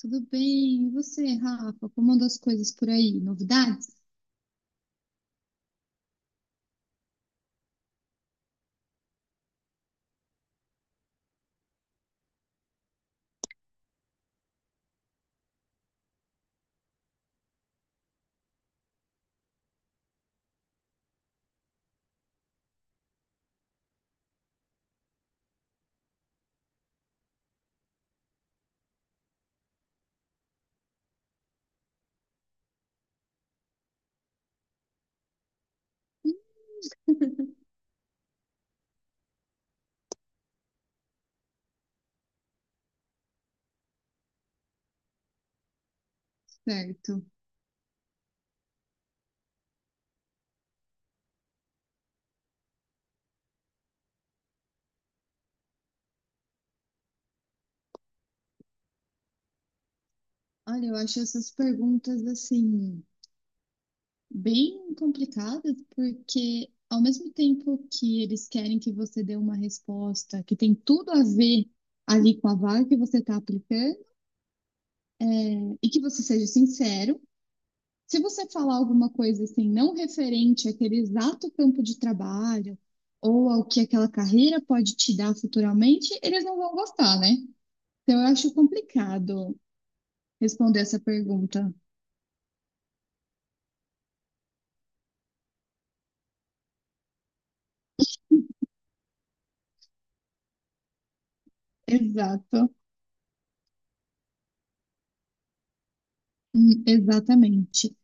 Tudo bem? E você, Rafa? Como andam as coisas por aí? Novidades? Certo. Olha, eu acho essas perguntas assim bem complicadas, porque ao mesmo tempo que eles querem que você dê uma resposta que tem tudo a ver ali com a vaga que você está aplicando e que você seja sincero, se você falar alguma coisa assim não referente àquele exato campo de trabalho ou ao que aquela carreira pode te dar futuramente, eles não vão gostar, né? Então, eu acho complicado responder essa pergunta. Exato. Exatamente.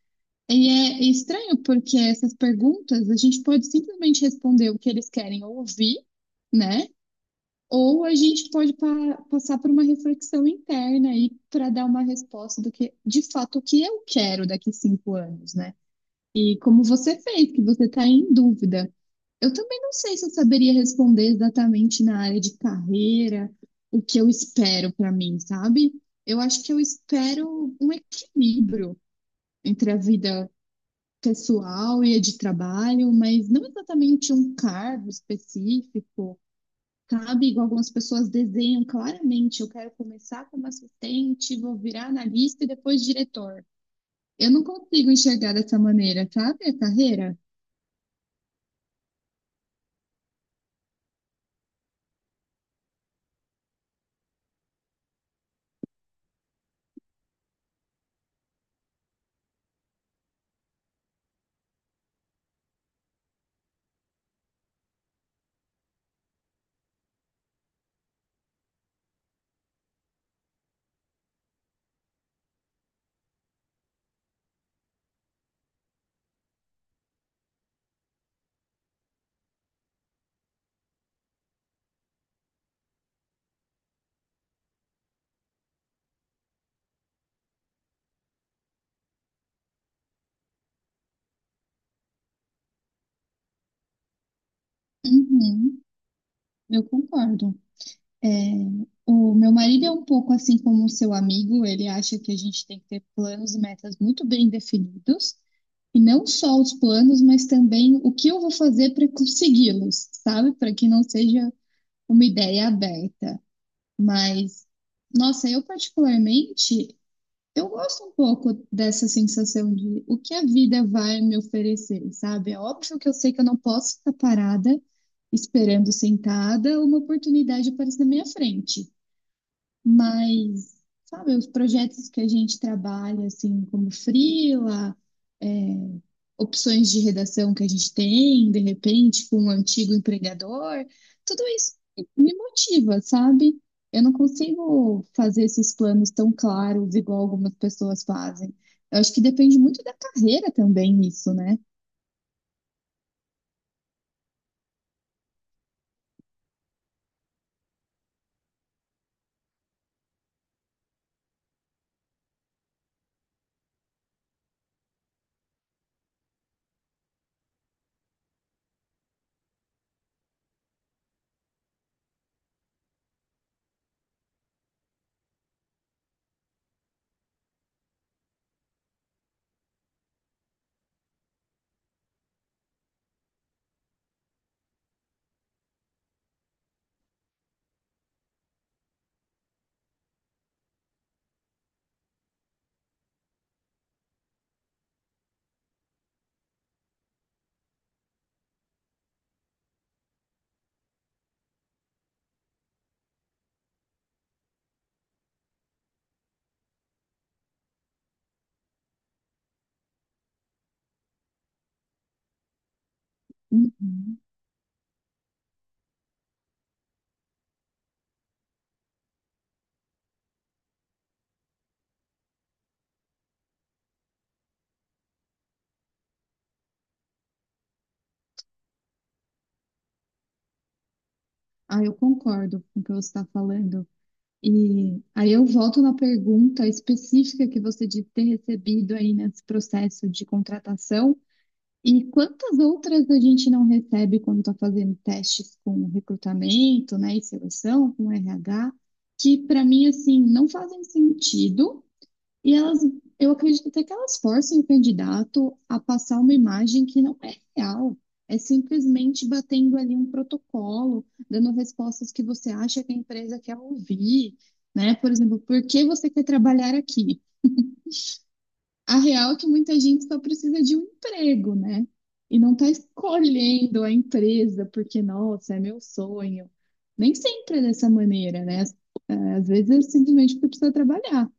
E é estranho porque essas perguntas a gente pode simplesmente responder o que eles querem ouvir, né? Ou a gente pode passar por uma reflexão interna aí para dar uma resposta do que, de fato, o que eu quero daqui cinco anos, né? E como você fez, que você está em dúvida. Eu também não sei se eu saberia responder exatamente na área de carreira o que eu espero para mim, sabe? Eu acho que eu espero um equilíbrio entre a vida pessoal e a de trabalho, mas não exatamente um cargo específico, sabe? Igual algumas pessoas desenham claramente, eu quero começar como assistente, vou virar analista e depois diretor. Eu não consigo enxergar dessa maneira, sabe? A carreira. Uhum, eu concordo. É, o meu marido é um pouco assim como o seu amigo, ele acha que a gente tem que ter planos e metas muito bem definidos, e não só os planos, mas também o que eu vou fazer para consegui-los, sabe? Para que não seja uma ideia aberta. Mas, nossa, eu particularmente. Eu gosto um pouco dessa sensação de o que a vida vai me oferecer, sabe? É óbvio que eu sei que eu não posso ficar parada esperando sentada uma oportunidade aparecer na minha frente. Mas, sabe, os projetos que a gente trabalha, assim, como freela, é, opções de redação que a gente tem, de repente, com um antigo empregador. Tudo isso me motiva, sabe? Eu não consigo fazer esses planos tão claros igual algumas pessoas fazem. Eu acho que depende muito da carreira também, isso, né? Uhum. Ah, eu concordo com o que você está falando. E aí eu volto na pergunta específica que você disse ter recebido aí nesse processo de contratação. E quantas outras a gente não recebe quando está fazendo testes com recrutamento, né, e seleção, com RH, que para mim assim não fazem sentido e elas, eu acredito até que elas forcem o candidato a passar uma imagem que não é real. É simplesmente batendo ali um protocolo, dando respostas que você acha que a empresa quer ouvir, né? Por exemplo, por que você quer trabalhar aqui? A real é que muita gente só precisa de um emprego, né? E não tá escolhendo a empresa porque, nossa, é meu sonho. Nem sempre é dessa maneira, né? Às vezes é simplesmente porque precisa trabalhar.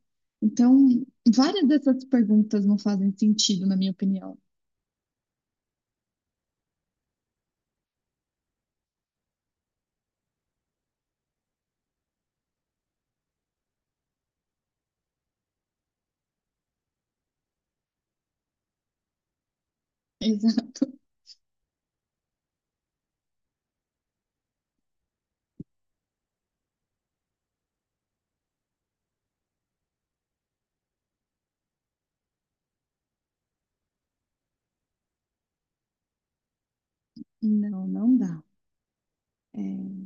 Então, várias dessas perguntas não fazem sentido, na minha opinião. Exato. Não, não dá. É,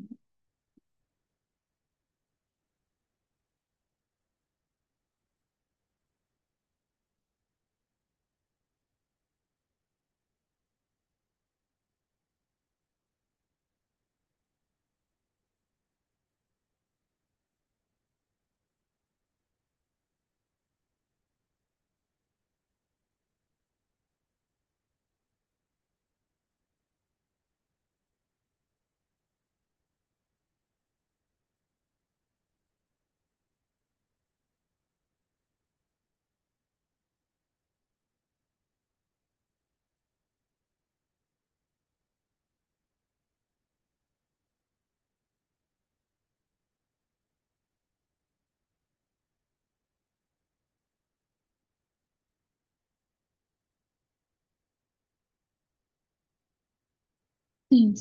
sim.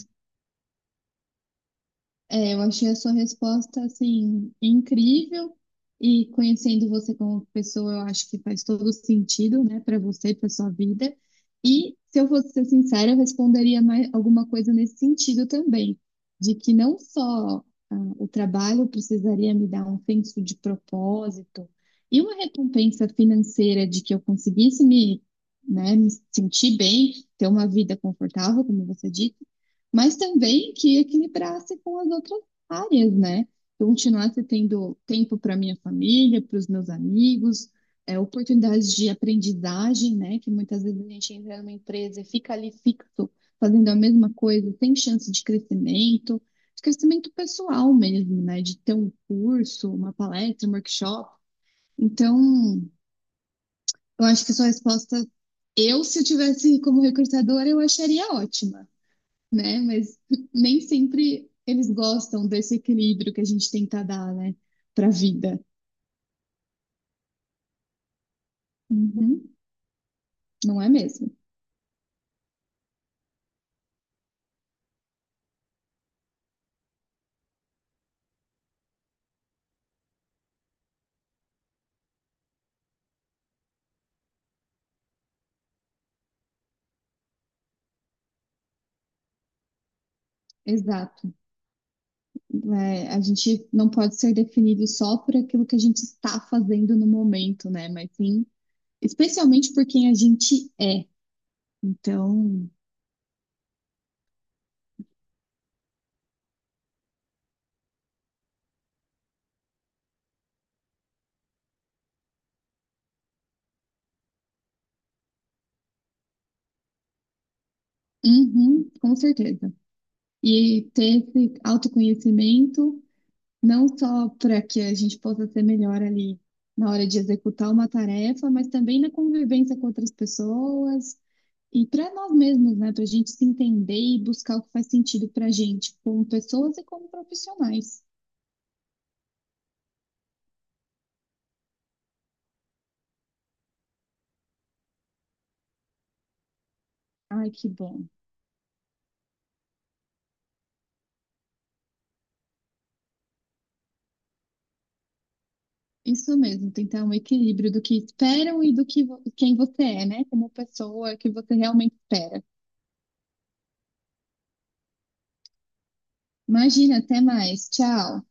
É, eu achei a sua resposta, assim, incrível. E conhecendo você como pessoa, eu acho que faz todo sentido, né, para você, e para sua vida. E, se eu fosse ser sincera, eu responderia mais alguma coisa nesse sentido também, de que não só ah, o trabalho precisaria me dar um senso de propósito e uma recompensa financeira de que eu conseguisse me, né, me sentir bem, ter uma vida confortável, como você disse, mas também que equilibrasse com as outras áreas, né? Eu continuasse tendo tempo para minha família, para os meus amigos, é, oportunidades de aprendizagem, né? Que muitas vezes a gente entra numa empresa e fica ali fixo, fazendo a mesma coisa, sem chance de crescimento pessoal mesmo, né? De ter um curso, uma palestra, um workshop. Então, eu acho que sua resposta, eu, se eu tivesse como recrutadora, eu acharia ótima, né? Mas nem sempre eles gostam desse equilíbrio que a gente tenta dar, né, para a vida. Uhum. Não é mesmo? Exato. É, a gente não pode ser definido só por aquilo que a gente está fazendo no momento, né? Mas sim, especialmente por quem a gente é. Então, uhum, com certeza. E ter esse autoconhecimento não só para que a gente possa ser melhor ali na hora de executar uma tarefa, mas também na convivência com outras pessoas e para nós mesmos, né? Para a gente se entender e buscar o que faz sentido para a gente, como pessoas e como profissionais. Ai, que bom. Isso mesmo, tentar um equilíbrio do que esperam e do que quem você é, né? Como pessoa que você realmente espera. Imagina, até mais. Tchau.